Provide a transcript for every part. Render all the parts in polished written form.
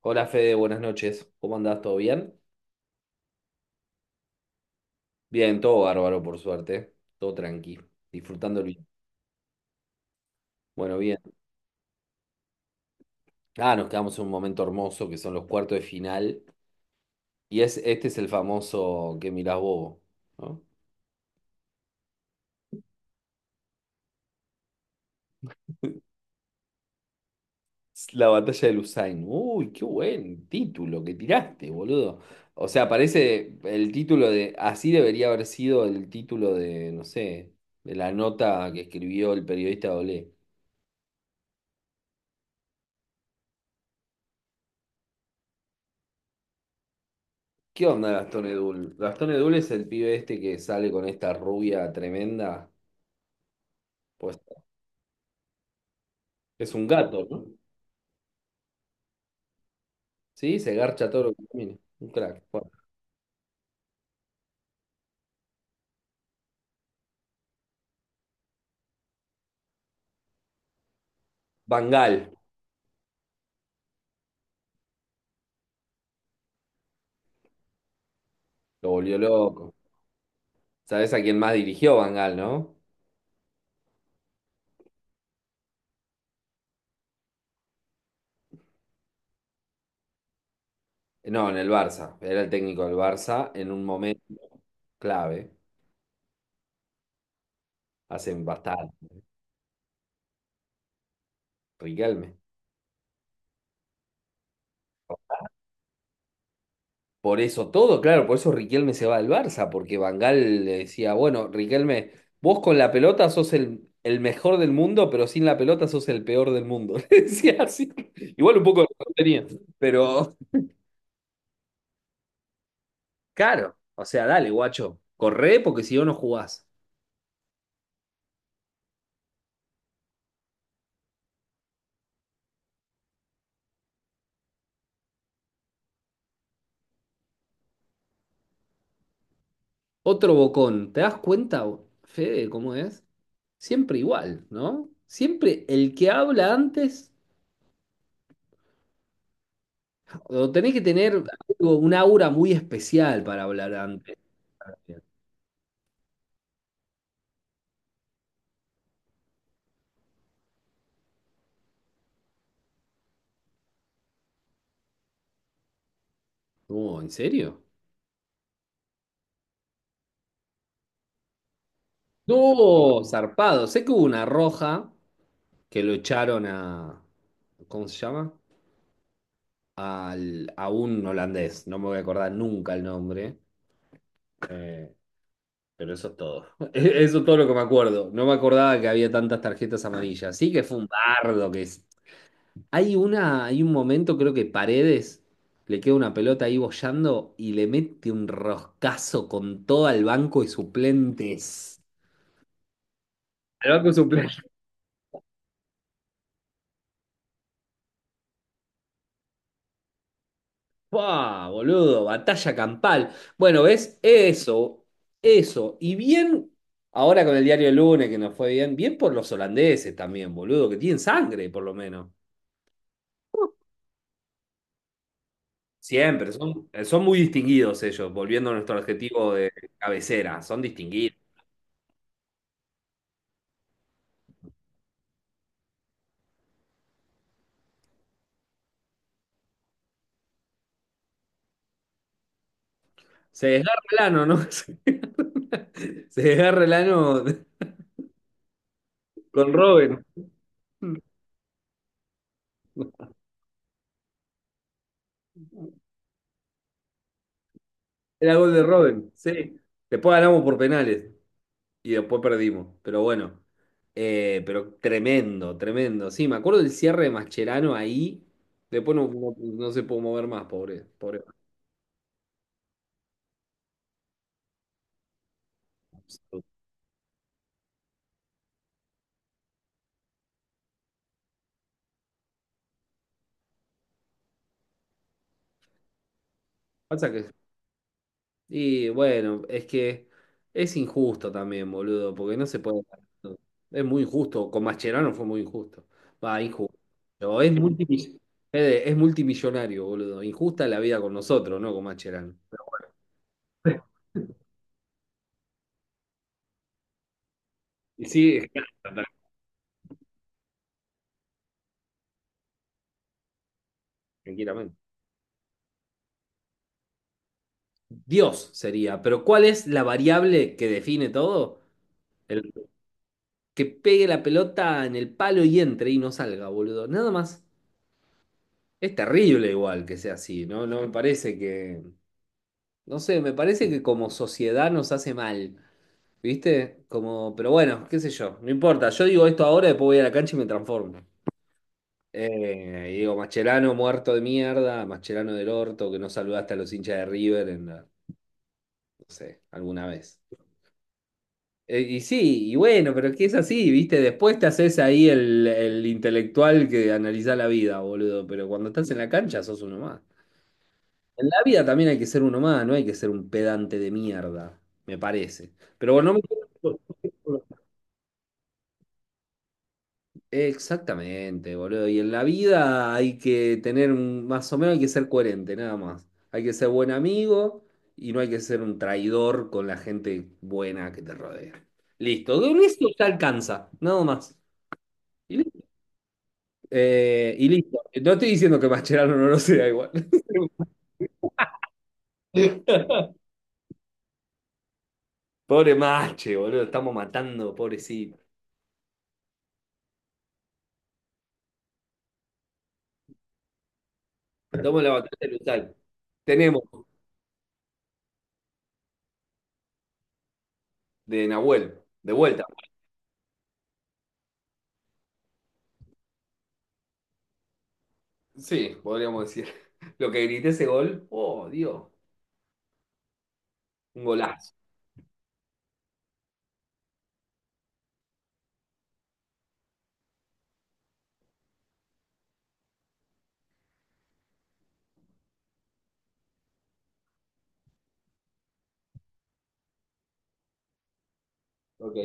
Hola Fede, buenas noches. ¿Cómo andás? ¿Todo bien? Bien, todo bárbaro, por suerte. Todo tranqui, disfrutando el bien. Bueno, bien. Ah, nos quedamos en un momento hermoso que son los cuartos de final. Y es, este es el famoso que mirás vos, ¿no? Es la batalla de Lusain. Uy, qué buen título que tiraste, boludo. O sea, parece el título de. Así debería haber sido el título de, no sé, de la nota que escribió el periodista Olé. ¿Qué onda Gastón Edul? Gastón Edul es el pibe este que sale con esta rubia tremenda. Pues es un gato, ¿no? Sí, se garcha todo lo que camina. Un crack. Bueno, Van Gaal lo volvió loco. ¿Sabés a quién más dirigió Van Gaal, no? No, en el Barça. Era el técnico del Barça en un momento clave. Hace bastante. Riquelme. Por eso todo, claro, por eso Riquelme se va al Barça, porque Van Gaal le decía, bueno, Riquelme, vos con la pelota sos el mejor del mundo, pero sin la pelota sos el peor del mundo. Le decía así. Igual un poco lo tenía, pero claro, o sea, dale, guacho, corre porque si no, no jugás. Otro bocón, ¿te das cuenta, Fede, cómo es? Siempre igual, ¿no? Siempre el que habla antes, o tenés que tener algo, un aura muy especial para hablar antes. Oh, ¿en serio? No, zarpado. Sé que hubo una roja que lo echaron a, ¿cómo se llama? A un holandés. No me voy a acordar nunca el nombre. eh, pero eso es todo. Eso es todo lo que me acuerdo. No me acordaba que había tantas tarjetas amarillas. Sí que fue un bardo que es. Hay un momento, creo que Paredes le queda una pelota ahí boyando y le mete un roscazo con todo al banco de suplentes. Al banco de suplentes. ¡Buah, boludo! Batalla campal. Bueno, ¿ves? Eso, eso. Y bien, ahora con el diario El Lunes que nos fue bien, bien por los holandeses también, boludo, que tienen sangre, por lo menos. Siempre, son, son muy distinguidos ellos, volviendo a nuestro adjetivo de cabecera, son distinguidos. Se desgarra el ano, ¿no? Se desgarra el ano con Robin. Era gol de Robin, sí. Después ganamos por penales, y después perdimos. Pero bueno, pero tremendo, tremendo. Sí, me acuerdo del cierre de Mascherano ahí. Después no se pudo mover más, pobre, pobre. Pasa que, y bueno, es que es injusto también, boludo, porque no se puede. Es muy injusto. Con Mascherano fue muy injusto. Va, injusto. Pero es multimill- Fede, es multimillonario, boludo. Injusta la vida con nosotros, ¿no? Con Mascherano. Y sí, tranquilamente. Dios sería, pero ¿cuál es la variable que define todo? El que pegue la pelota en el palo y entre y no salga, boludo. Nada más. Es terrible igual que sea así, ¿no? No me parece que, no sé, me parece que como sociedad nos hace mal, ¿viste? Como, pero bueno, qué sé yo, no importa. Yo digo esto ahora, después voy a la cancha y me transformo. Y digo, Mascherano muerto de mierda, Mascherano del orto, que no saludaste a los hinchas de River en la- no sé, alguna vez. Y sí, y bueno, pero es que es así, ¿viste? Después te haces ahí el intelectual que analiza la vida, boludo, pero cuando estás en la cancha sos uno más. En la vida también hay que ser uno más, no hay que ser un pedante de mierda, me parece. Pero bueno, no me... Exactamente, boludo. Y en la vida hay que tener, más o menos hay que ser coherente, nada más. Hay que ser buen amigo y no hay que ser un traidor con la gente buena que te rodea. Listo, con eso te alcanza, nada más. Y y listo. No estoy diciendo que Mascherano no lo sea igual. Pobre Mache, boludo, estamos matando, pobrecito. Estamos en la batalla de Luzal. Tenemos de Nahuel, de vuelta. Sí, podríamos decir. Lo que grité ese gol, oh, Dios, un golazo. Ok.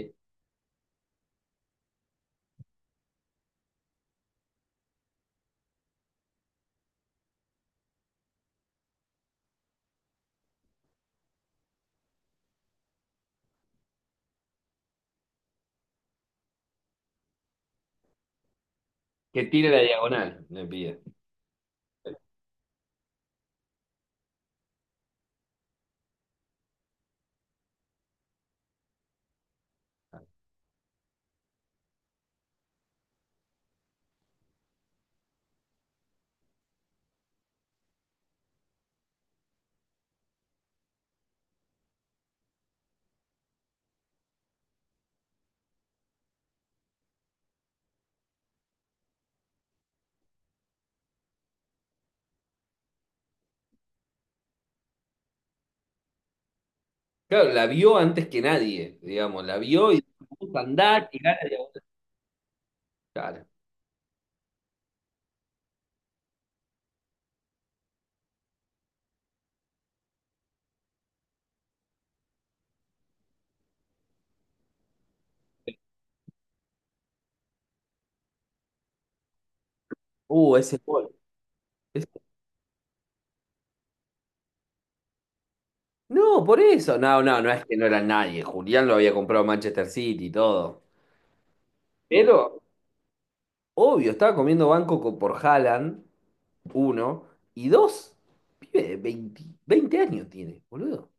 Que tire la diagonal, me pide. Claro, la vio antes que nadie, digamos, la vio y puso a andar, tirar la diagonal. Claro. Ese gol. No, por eso. No, no, no es que no era nadie. Julián lo había comprado Manchester City y todo. Pero, obvio, estaba comiendo banco por Haaland, uno, y dos, pibe de 20, 20 años tiene, boludo.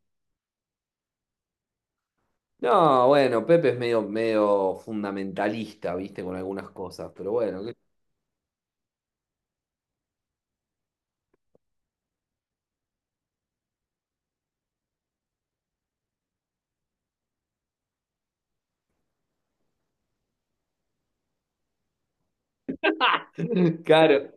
No, bueno, Pepe es medio, medio fundamentalista, viste, con algunas cosas, pero bueno. Claro.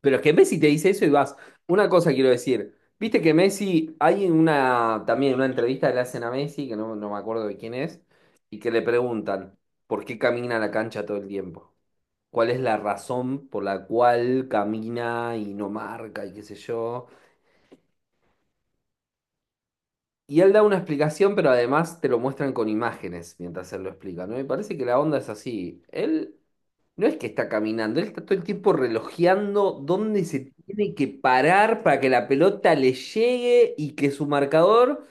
Pero es que Messi te dice eso y vas. Una cosa quiero decir. Viste que Messi, hay también una entrevista que le hacen a Messi, que no me acuerdo de quién es, y que le preguntan por qué camina a la cancha todo el tiempo. ¿Cuál es la razón por la cual camina y no marca y qué sé yo? Y él da una explicación, pero además te lo muestran con imágenes mientras él lo explica, ¿no? Me parece que la onda es así. Él no es que está caminando, él está todo el tiempo relojeando dónde se tiene que parar para que la pelota le llegue y que su marcador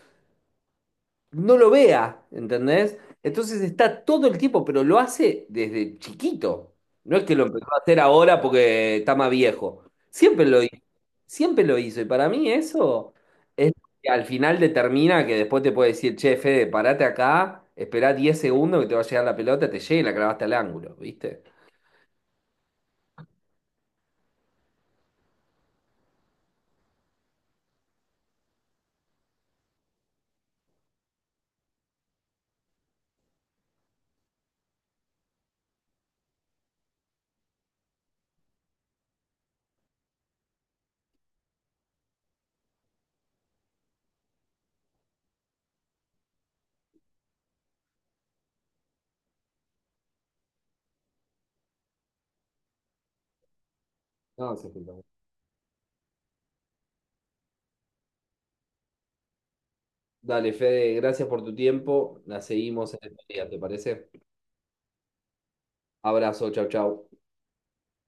no lo vea, ¿entendés? Entonces está todo el tiempo, pero lo hace desde chiquito. No es que lo empezó a hacer ahora porque está más viejo. Siempre lo hizo, siempre lo hizo. Y para mí eso es lo que al final determina que después te puede decir, che, Fede, parate acá, esperá 10 segundos que te va a llegar la pelota, te llega y la clavaste al ángulo, ¿viste? No, es Dale, Fede, gracias por tu tiempo. La seguimos en el día, ¿te parece? Abrazo, chau, chau.